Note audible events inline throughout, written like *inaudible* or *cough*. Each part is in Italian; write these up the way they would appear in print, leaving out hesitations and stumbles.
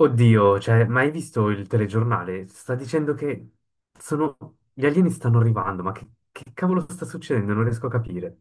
Oddio, cioè, ma hai visto il telegiornale? Sta dicendo che sono... gli alieni stanno arrivando, ma che cavolo sta succedendo? Non riesco a capire.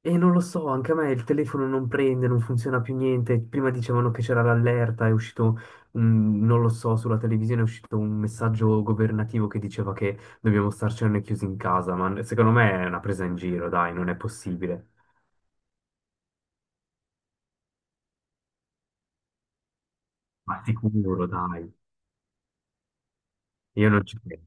E non lo so, anche a me il telefono non prende, non funziona più niente. Prima dicevano che c'era l'allerta, è uscito, non lo so, sulla televisione è uscito un messaggio governativo che diceva che dobbiamo starcene chiusi in casa, ma secondo me è una presa in giro, dai, non è possibile. Ma sicuro, dai, io non ci credo.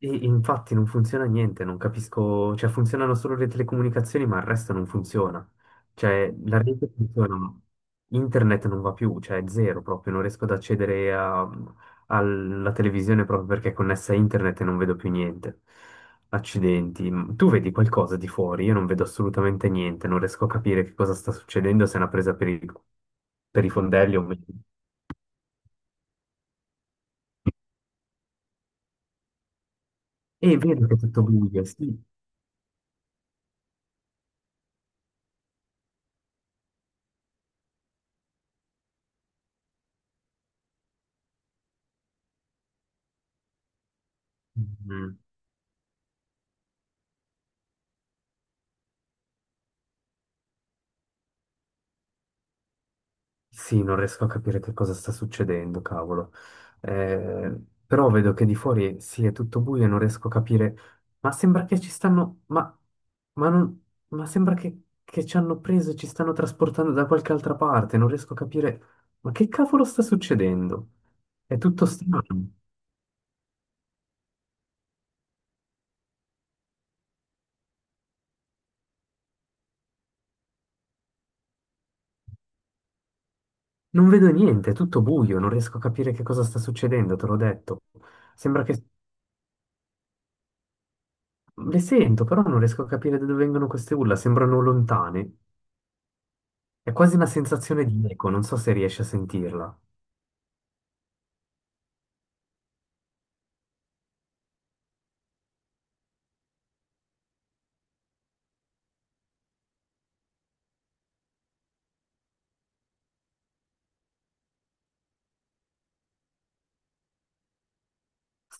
Infatti non funziona niente, non capisco, cioè funzionano solo le telecomunicazioni, ma il resto non funziona. Cioè la rete funziona, ma internet non va più, cioè è zero proprio, non riesco ad alla televisione proprio perché è connessa a internet e non vedo più niente. Accidenti, tu vedi qualcosa di fuori? Io non vedo assolutamente niente, non riesco a capire che cosa sta succedendo, se è una presa per per i fondelli o meno. E vedo che è tutto buio, sì. Mm. Sì, non riesco a capire che cosa sta succedendo, cavolo. Eh, però vedo che di fuori sì, è tutto buio e non riesco a capire. Ma sembra che ci stanno. Ma non- ma sembra che ci hanno preso e ci stanno trasportando da qualche altra parte. Non riesco a capire. Ma che cavolo sta succedendo? È tutto strano. Non vedo niente, è tutto buio, non riesco a capire che cosa sta succedendo, te l'ho detto. Sembra che le sento, però non riesco a capire da dove vengono queste urla, sembrano lontane. È quasi una sensazione di eco, non so se riesci a sentirla.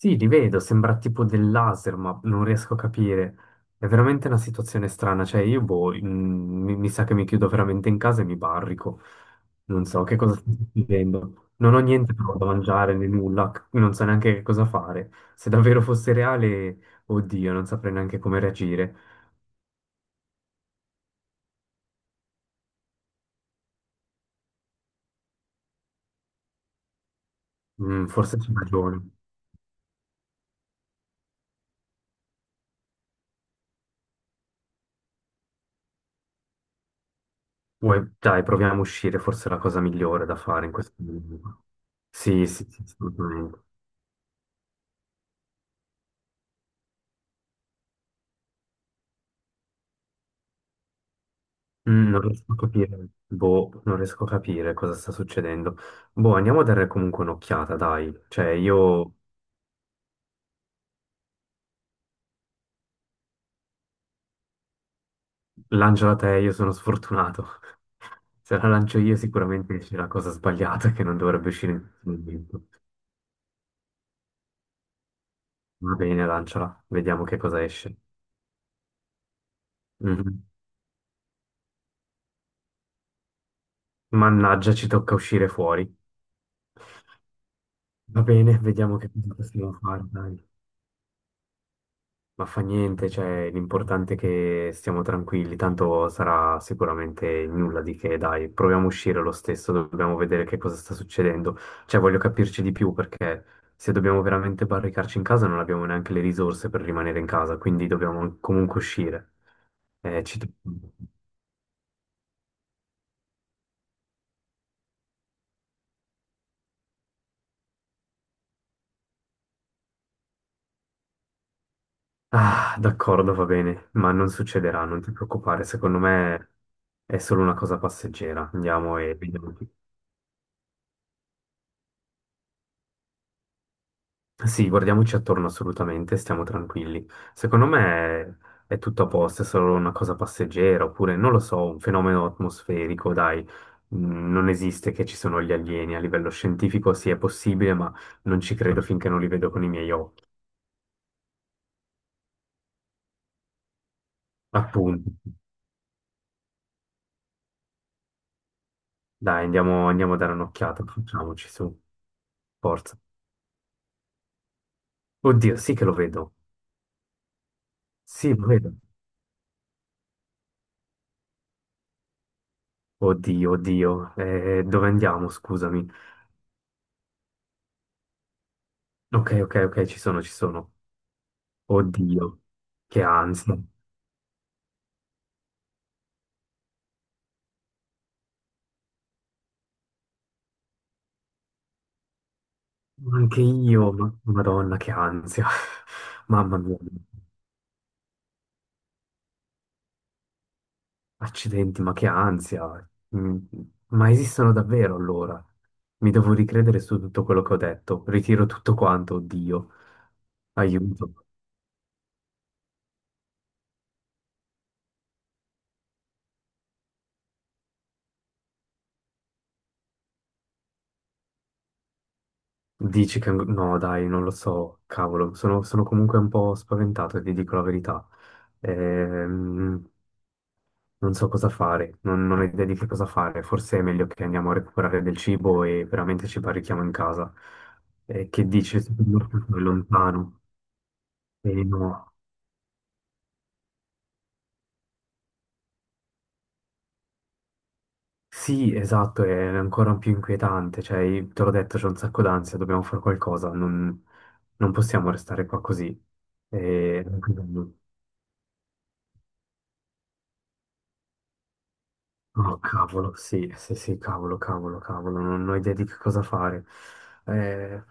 Sì, li vedo, sembra tipo del laser, ma non riesco a capire. È veramente una situazione strana, cioè io boh, mi sa che mi chiudo veramente in casa e mi barrico. Non so che cosa sto succedendo. Non ho niente però da mangiare né nulla, non so neanche che cosa fare. Se davvero fosse reale, oddio, non saprei neanche come reagire. Mm, forse c'è ragione. Dai, proviamo a uscire, forse è la cosa migliore da fare in questo momento. Sì, sì, sì, assolutamente. Mm, non riesco a capire, boh, non riesco a capire cosa sta succedendo. Boh, andiamo a dare comunque un'occhiata, dai. Cioè, io lanciala te, io sono sfortunato. *laughs* Se la lancio io sicuramente c'è la cosa sbagliata che non dovrebbe uscire in questo momento. Va bene, lanciala, vediamo che cosa esce. Mhm. Mannaggia, ci tocca uscire fuori. Va bene, vediamo che cosa possiamo fare, dai. Ma fa niente, cioè, l'importante è che stiamo tranquilli, tanto sarà sicuramente nulla di che, dai, proviamo a uscire lo stesso, dobbiamo vedere che cosa sta succedendo. Cioè, voglio capirci di più perché se dobbiamo veramente barricarci in casa non abbiamo neanche le risorse per rimanere in casa, quindi dobbiamo comunque uscire. Ci... Ah, d'accordo, va bene, ma non succederà, non ti preoccupare, secondo me è solo una cosa passeggera. Andiamo e vediamo. Sì, guardiamoci attorno assolutamente, stiamo tranquilli. Secondo me è tutto a posto, è solo una cosa passeggera, oppure non lo so, un fenomeno atmosferico, dai. Mm, non esiste che ci sono gli alieni a livello scientifico, sì, è possibile, ma non ci credo *laughs* finché non li vedo con i miei occhi. Appunto. Dai, andiamo, andiamo a dare un'occhiata, facciamoci su, forza. Oddio, sì che lo vedo. Sì, lo vedo. Oddio, oddio. Dove andiamo? Scusami. Ok, ok, ok, ci sono, ci sono. Oddio, che ansia. Ma anche io, Madonna, che ansia. *laughs* Mamma mia, accidenti, ma che ansia. Mm, ma esistono davvero allora? Mi devo ricredere su tutto quello che ho detto. Ritiro tutto quanto, oddio. Aiuto. Dici che... No, dai, non lo so, cavolo. Sono comunque un po' spaventato, ti dico la verità. Ehm, Non so cosa fare, non ho idea di che cosa fare. Forse è meglio che andiamo a recuperare del cibo e veramente ci barrichiamo in casa. Che dice? Secondo me è lontano. E no. Sì, esatto, è ancora più inquietante. Cioè, te l'ho detto, c'è un sacco d'ansia, dobbiamo fare qualcosa. Non possiamo restare qua così. E... Oh, cavolo, sì, sì, sì, cavolo, cavolo, cavolo. Non ho idea di che cosa fare. Eh...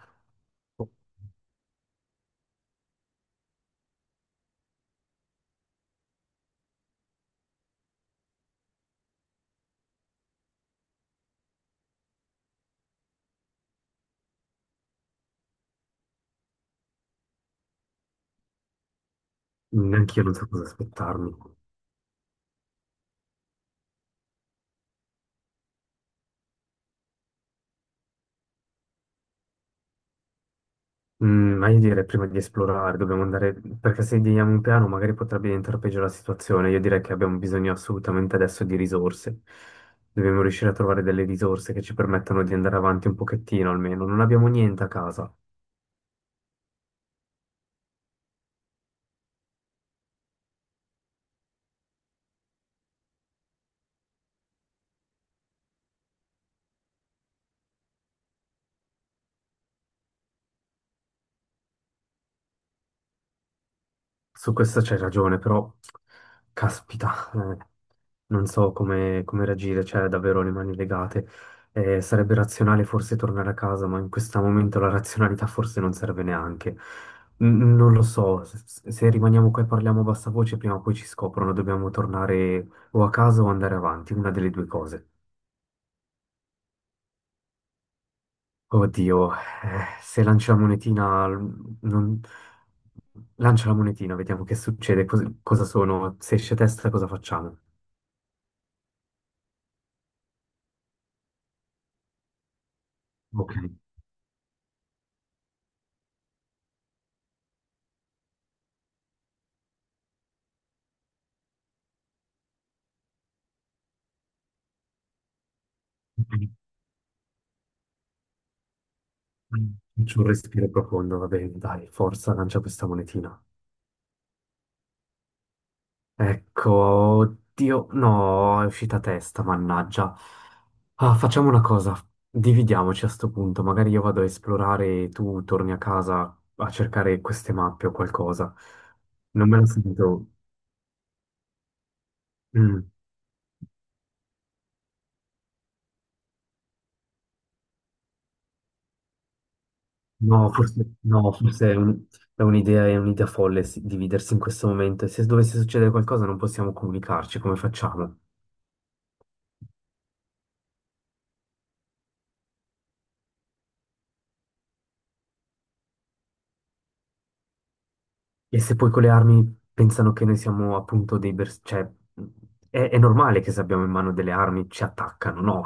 Neanche io non so cosa aspettarmi. Mm, ma io direi prima di esplorare, dobbiamo andare, perché se diamo un piano magari potrebbe diventare peggio la situazione. Io direi che abbiamo bisogno assolutamente adesso di risorse. Dobbiamo riuscire a trovare delle risorse che ci permettano di andare avanti un pochettino almeno. Non abbiamo niente a casa. Su questo c'hai ragione, però caspita, non so come, come reagire, cioè davvero le mani legate. Sarebbe razionale forse tornare a casa, ma in questo momento la razionalità forse non serve neanche. Non lo so, se rimaniamo qua e parliamo a bassa voce, prima o poi ci scoprono, dobbiamo tornare o a casa o andare avanti, una delle due cose. Oddio, se lancia la monetina, non... lancia la monetina, vediamo che succede, cosa sono, se esce testa cosa facciamo? Ok, faccio un respiro profondo, va bene, dai, forza, lancia questa monetina. Ecco, oddio, no, è uscita testa, mannaggia. Ah, facciamo una cosa, dividiamoci a sto punto, magari io vado a esplorare e tu torni a casa a cercare queste mappe o qualcosa. Non me la sento. Mm. No, forse, no, forse è è un'idea folle sì, dividersi in questo momento. E se dovesse succedere qualcosa non possiamo comunicarci, come facciamo? E se poi con le armi pensano che noi siamo appunto dei... cioè, è normale che se abbiamo in mano delle armi ci attaccano, no?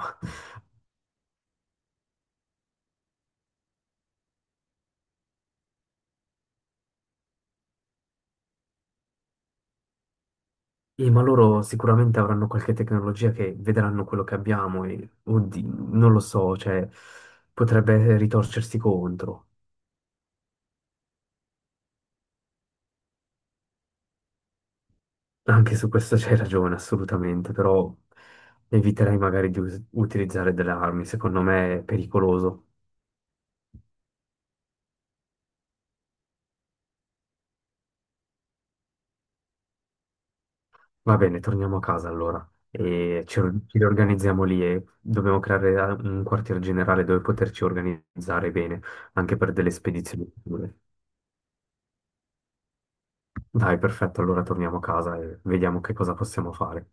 E ma loro sicuramente avranno qualche tecnologia che vedranno quello che abbiamo e, oddio, non lo so, cioè, potrebbe ritorcersi contro. Anche su questo c'hai ragione, assolutamente, però eviterei magari di utilizzare delle armi, secondo me è pericoloso. Va bene, torniamo a casa allora e ci riorganizziamo lì e dobbiamo creare un quartier generale dove poterci organizzare bene, anche per delle spedizioni future. Dai, perfetto, allora torniamo a casa e vediamo che cosa possiamo fare.